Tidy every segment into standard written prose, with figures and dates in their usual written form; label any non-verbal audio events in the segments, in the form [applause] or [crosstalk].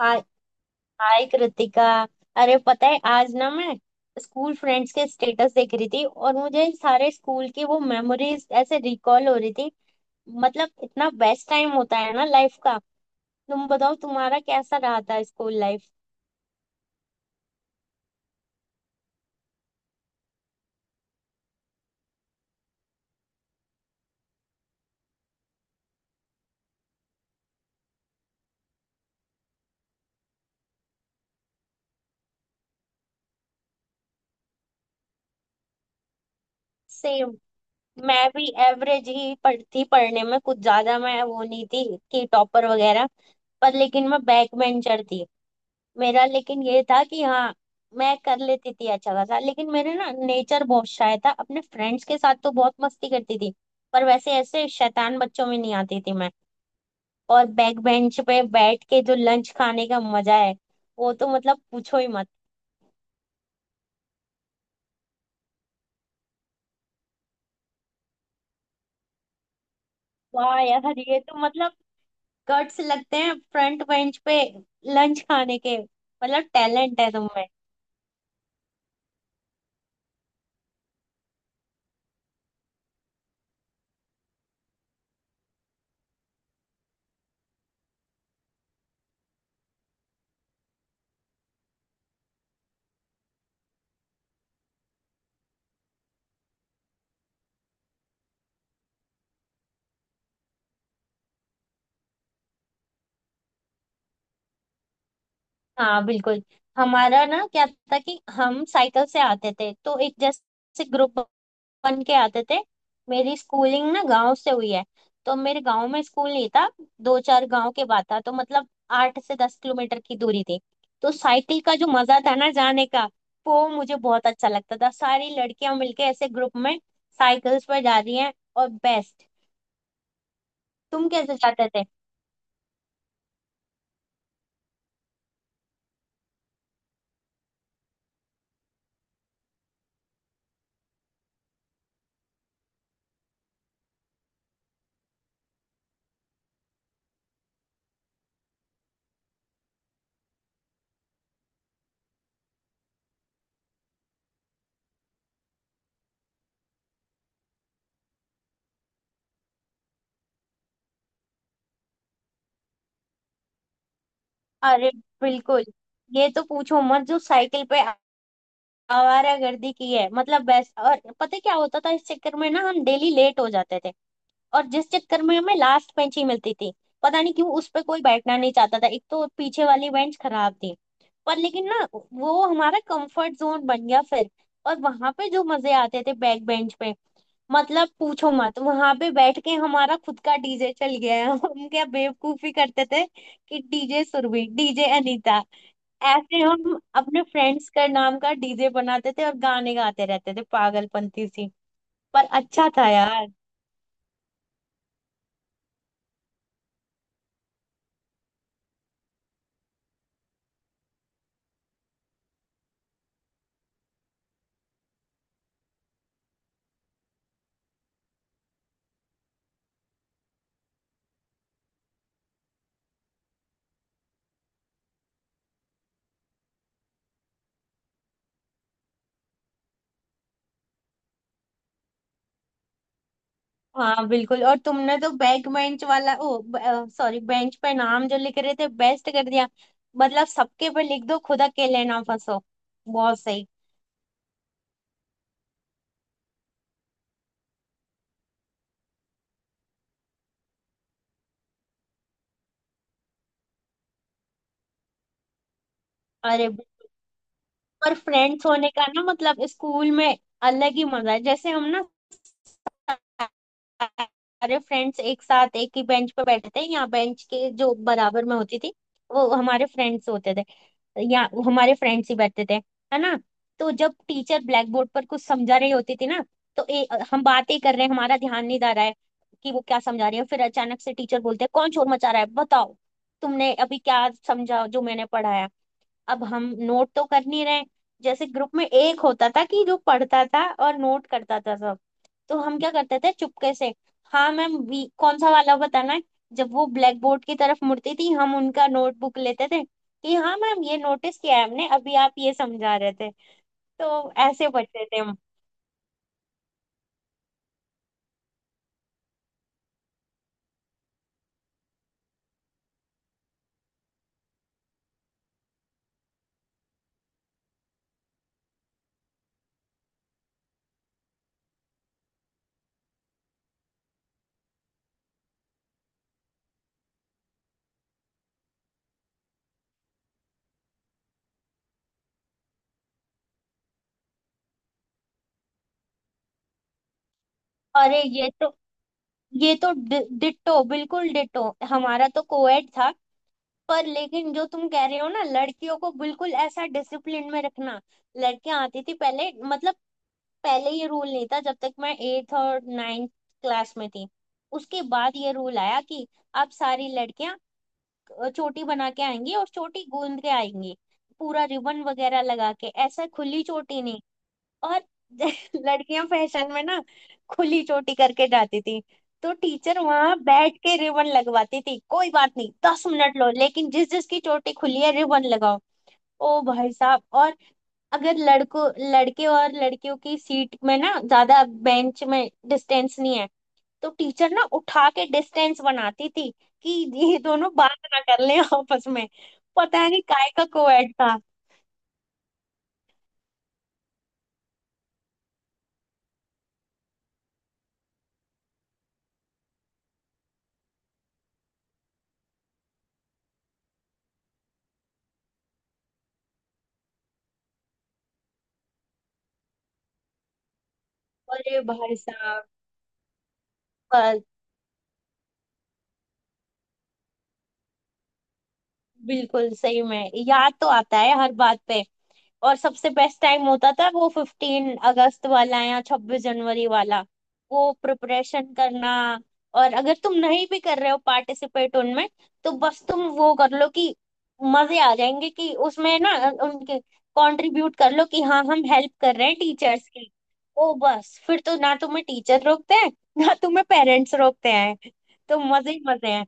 हाय। Hi Kritika. अरे पता है आज ना मैं स्कूल फ्रेंड्स के स्टेटस देख रही थी, और मुझे सारे स्कूल की वो मेमोरीज ऐसे रिकॉल हो रही थी। मतलब इतना बेस्ट टाइम होता है ना लाइफ का। तुम बताओ तुम्हारा कैसा रहा था स्कूल लाइफ। सेम, मैं भी एवरेज ही पढ़ती, पढ़ने में कुछ ज्यादा मैं वो नहीं थी कि टॉपर वगैरह। पर लेकिन मैं बैक बेंचर थी। मेरा लेकिन ये था कि हाँ मैं कर लेती थी अच्छा खासा, लेकिन मेरे ना नेचर बहुत शाय था। अपने फ्रेंड्स के साथ तो बहुत मस्ती करती थी, पर वैसे ऐसे शैतान बच्चों में नहीं आती थी मैं। और बैक बेंच पे बैठ के जो लंच खाने का मजा है, वो तो मतलब पूछो ही मत। वाह यार, ये तो मतलब कट्स लगते हैं। फ्रंट बेंच पे लंच खाने के मतलब टैलेंट है तुम में। हाँ बिल्कुल। हमारा ना क्या था कि हम साइकिल से आते थे, तो एक जैसे ग्रुप बन के आते थे। मेरी स्कूलिंग ना गांव से हुई है, तो मेरे गांव में स्कूल नहीं था। दो चार गांव के बाद था, तो मतलब 8 से 10 किलोमीटर की दूरी थी। तो साइकिल का जो मजा था ना जाने का, वो मुझे बहुत अच्छा लगता था। सारी लड़कियां मिलके ऐसे ग्रुप में साइकिल्स पर जा रही हैं और बेस्ट। तुम कैसे जाते थे? अरे बिल्कुल, ये तो पूछो मत। जो साइकिल पे आवारागर्दी की है मतलब बेस्ट। और पता है क्या होता था इस चक्कर में ना, हम डेली लेट हो जाते थे। और जिस चक्कर में हमें लास्ट बेंच ही मिलती थी। पता नहीं क्यों उस पर कोई बैठना नहीं चाहता था, एक तो पीछे वाली बेंच खराब थी। पर लेकिन ना वो हमारा कंफर्ट जोन बन गया फिर। और वहां पे जो मजे आते थे बैक बेंच पे, मतलब पूछो मत। वहां पे बैठ के हमारा खुद का डीजे चल गया है [laughs] हम क्या बेवकूफी करते थे कि डीजे सुरभि, डीजे अनीता, ऐसे हम अपने फ्रेंड्स का नाम का डीजे बनाते थे और गाने गाते रहते थे पागलपंती सी। पर अच्छा था यार। हाँ बिल्कुल, और तुमने तो बैक बेंच वाला, ओ सॉरी, बेंच पे नाम जो लिख रहे थे बेस्ट कर दिया। मतलब सबके पे लिख दो, खुद अकेले ना फंसो। बहुत सही। अरे पर फ्रेंड्स होने का ना मतलब स्कूल में अलग ही मजा है। जैसे हम ना सारे फ्रेंड्स एक साथ एक ही बेंच पे बैठे थे। यहाँ बेंच के जो बराबर में होती थी, वो हमारे फ्रेंड्स होते थे, या हमारे फ्रेंड्स ही बैठते थे, है ना। तो जब टीचर ब्लैक बोर्ड पर कुछ समझा रही होती थी ना, तो हम बातें कर रहे हैं, हमारा ध्यान नहीं जा रहा है कि वो क्या समझा रही है। फिर अचानक से टीचर बोलते हैं, कौन शोर मचा रहा है, बताओ तुमने अभी क्या समझा जो मैंने पढ़ाया। अब हम नोट तो कर नहीं रहे। जैसे ग्रुप में एक होता था कि जो पढ़ता था और नोट करता था सब, तो हम क्या करते थे, चुपके से हाँ मैम, वी कौन सा वाला बताना है। जब वो ब्लैक बोर्ड की तरफ मुड़ती थी, हम उनका नोटबुक लेते थे कि हाँ मैम, ये नोटिस किया है हमने, अभी आप ये समझा रहे थे। तो ऐसे बचते थे हम। अरे डिट्टो, बिल्कुल डिट्टो। हमारा तो कोएड था, पर लेकिन जो तुम कह रहे हो ना, लड़कियों को बिल्कुल ऐसा डिसिप्लिन में रखना। लड़कियां आती थी पहले, मतलब पहले ये रूल नहीं था जब तक मैं एट्थ और नाइन्थ क्लास में थी। उसके बाद ये रूल आया कि अब सारी लड़कियां चोटी बना के आएंगी और चोटी गूंद के आएंगी, पूरा रिबन वगैरह लगा के, ऐसा खुली चोटी नहीं। और [laughs] लड़कियां फैशन में ना खुली चोटी करके जाती थी। तो टीचर वहां बैठ के रिबन लगवाती थी, कोई बात नहीं 10 मिनट लो, लेकिन जिस जिसकी चोटी खुली है रिबन लगाओ। ओ भाई साहब। और अगर लड़कों लड़के और लड़कियों की सीट में ना ज्यादा, बेंच में डिस्टेंस नहीं है, तो टीचर ना उठा के डिस्टेंस बनाती थी कि ये दोनों बात ना कर लें आपस में। पता नहीं काय का कोएड था। अरे भाई साहब, बिल्कुल सही में याद तो आता है हर बात पे। और सबसे बेस्ट टाइम होता था वो 15 अगस्त वाला या 26 जनवरी वाला। वो प्रिपरेशन करना, और अगर तुम नहीं भी कर रहे हो पार्टिसिपेट उनमें, तो बस तुम वो कर लो कि मजे आ जाएंगे। कि उसमें ना उनके कंट्रीब्यूट कर लो कि हाँ हम हेल्प कर रहे हैं टीचर्स की। ओ बस फिर तो ना तुम्हें टीचर रोकते हैं [laughs] ना तुम्हें पेरेंट्स रोकते हैं, तो मजे ही मजे हैं।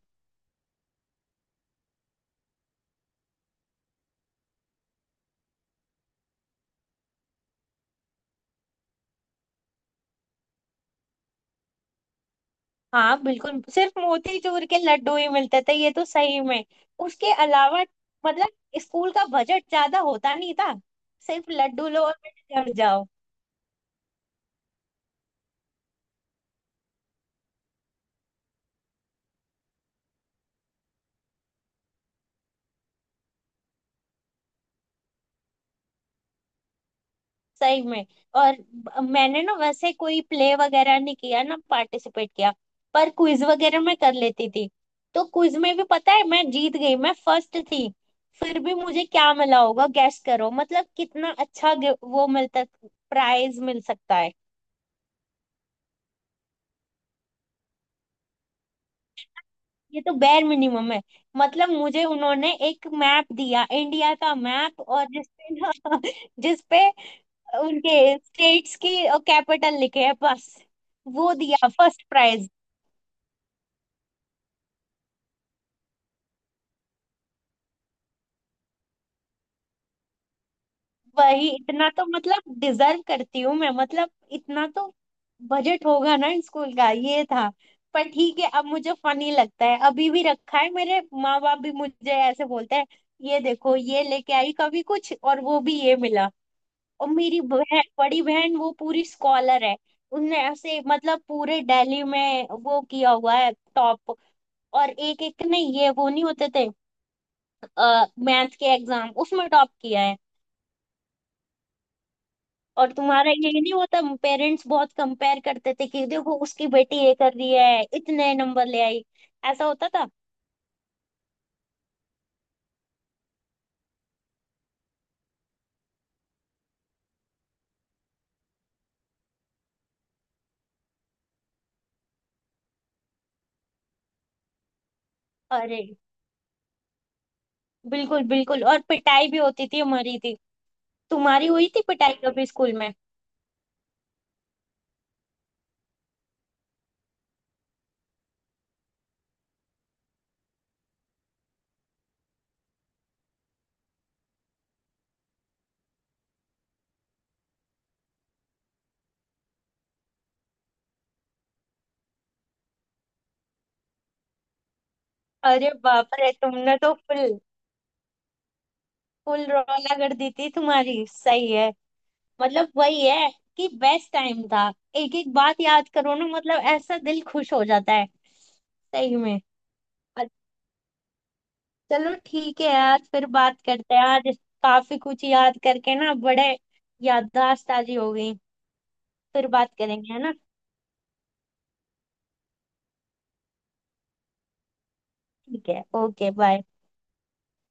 हाँ बिल्कुल, सिर्फ मोतीचूर के लड्डू ही मिलते थे, ये तो सही में। उसके अलावा मतलब स्कूल का बजट ज्यादा होता नहीं था, सिर्फ लड्डू लो और पेट भर जाओ। सही में। और मैंने ना वैसे कोई प्ले वगैरह नहीं किया ना पार्टिसिपेट किया, पर क्विज वगैरह मैं कर लेती थी। तो क्विज में भी पता है मैं जीत गई, मैं फर्स्ट थी। फिर भी मुझे क्या मिला होगा गैस करो, मतलब कितना अच्छा वो मिलता, प्राइज मिल सकता है। ये तो बेर मिनिमम है। मतलब मुझे उन्होंने एक मैप दिया, इंडिया का मैप, और जिसपे ना [laughs] जिसपे उनके स्टेट्स की कैपिटल लिखे है बस, वो दिया फर्स्ट प्राइज। वही, इतना तो मतलब डिजर्व करती हूँ मैं, मतलब इतना तो बजट होगा ना स्कूल का, ये था। पर ठीक है, अब मुझे फनी लगता है, अभी भी रखा है। मेरे माँ बाप भी मुझे ऐसे बोलते हैं, ये देखो ये लेके आई कभी कुछ और, वो भी ये मिला। और मेरी बहन, बड़ी बहन, वो पूरी स्कॉलर है। उसने ऐसे मतलब पूरे दिल्ली में वो किया हुआ है टॉप, और एक एक ने ये वो नहीं होते थे मैथ के एग्जाम, उसमें टॉप किया है। और तुम्हारा ये नहीं होता, पेरेंट्स बहुत कंपेयर करते थे कि देखो उसकी बेटी ये कर रही है, इतने नंबर ले आई, ऐसा होता था। अरे बिल्कुल बिल्कुल, और पिटाई भी होती थी हमारी थी। तुम्हारी हुई थी पिटाई कभी स्कूल में? अरे बाप रे, तुमने तो फुल फुल रौला कर दी थी, तुम्हारी सही है। मतलब वही है कि बेस्ट टाइम था। एक एक बात याद करो ना, मतलब ऐसा दिल खुश हो जाता है। सही में। अ- चलो ठीक है यार, फिर बात करते हैं आज। काफी कुछ याद करके ना बड़े याददाश्त ताजी हो गई। फिर बात करेंगे, है ना। ठीक है, ओके बाय।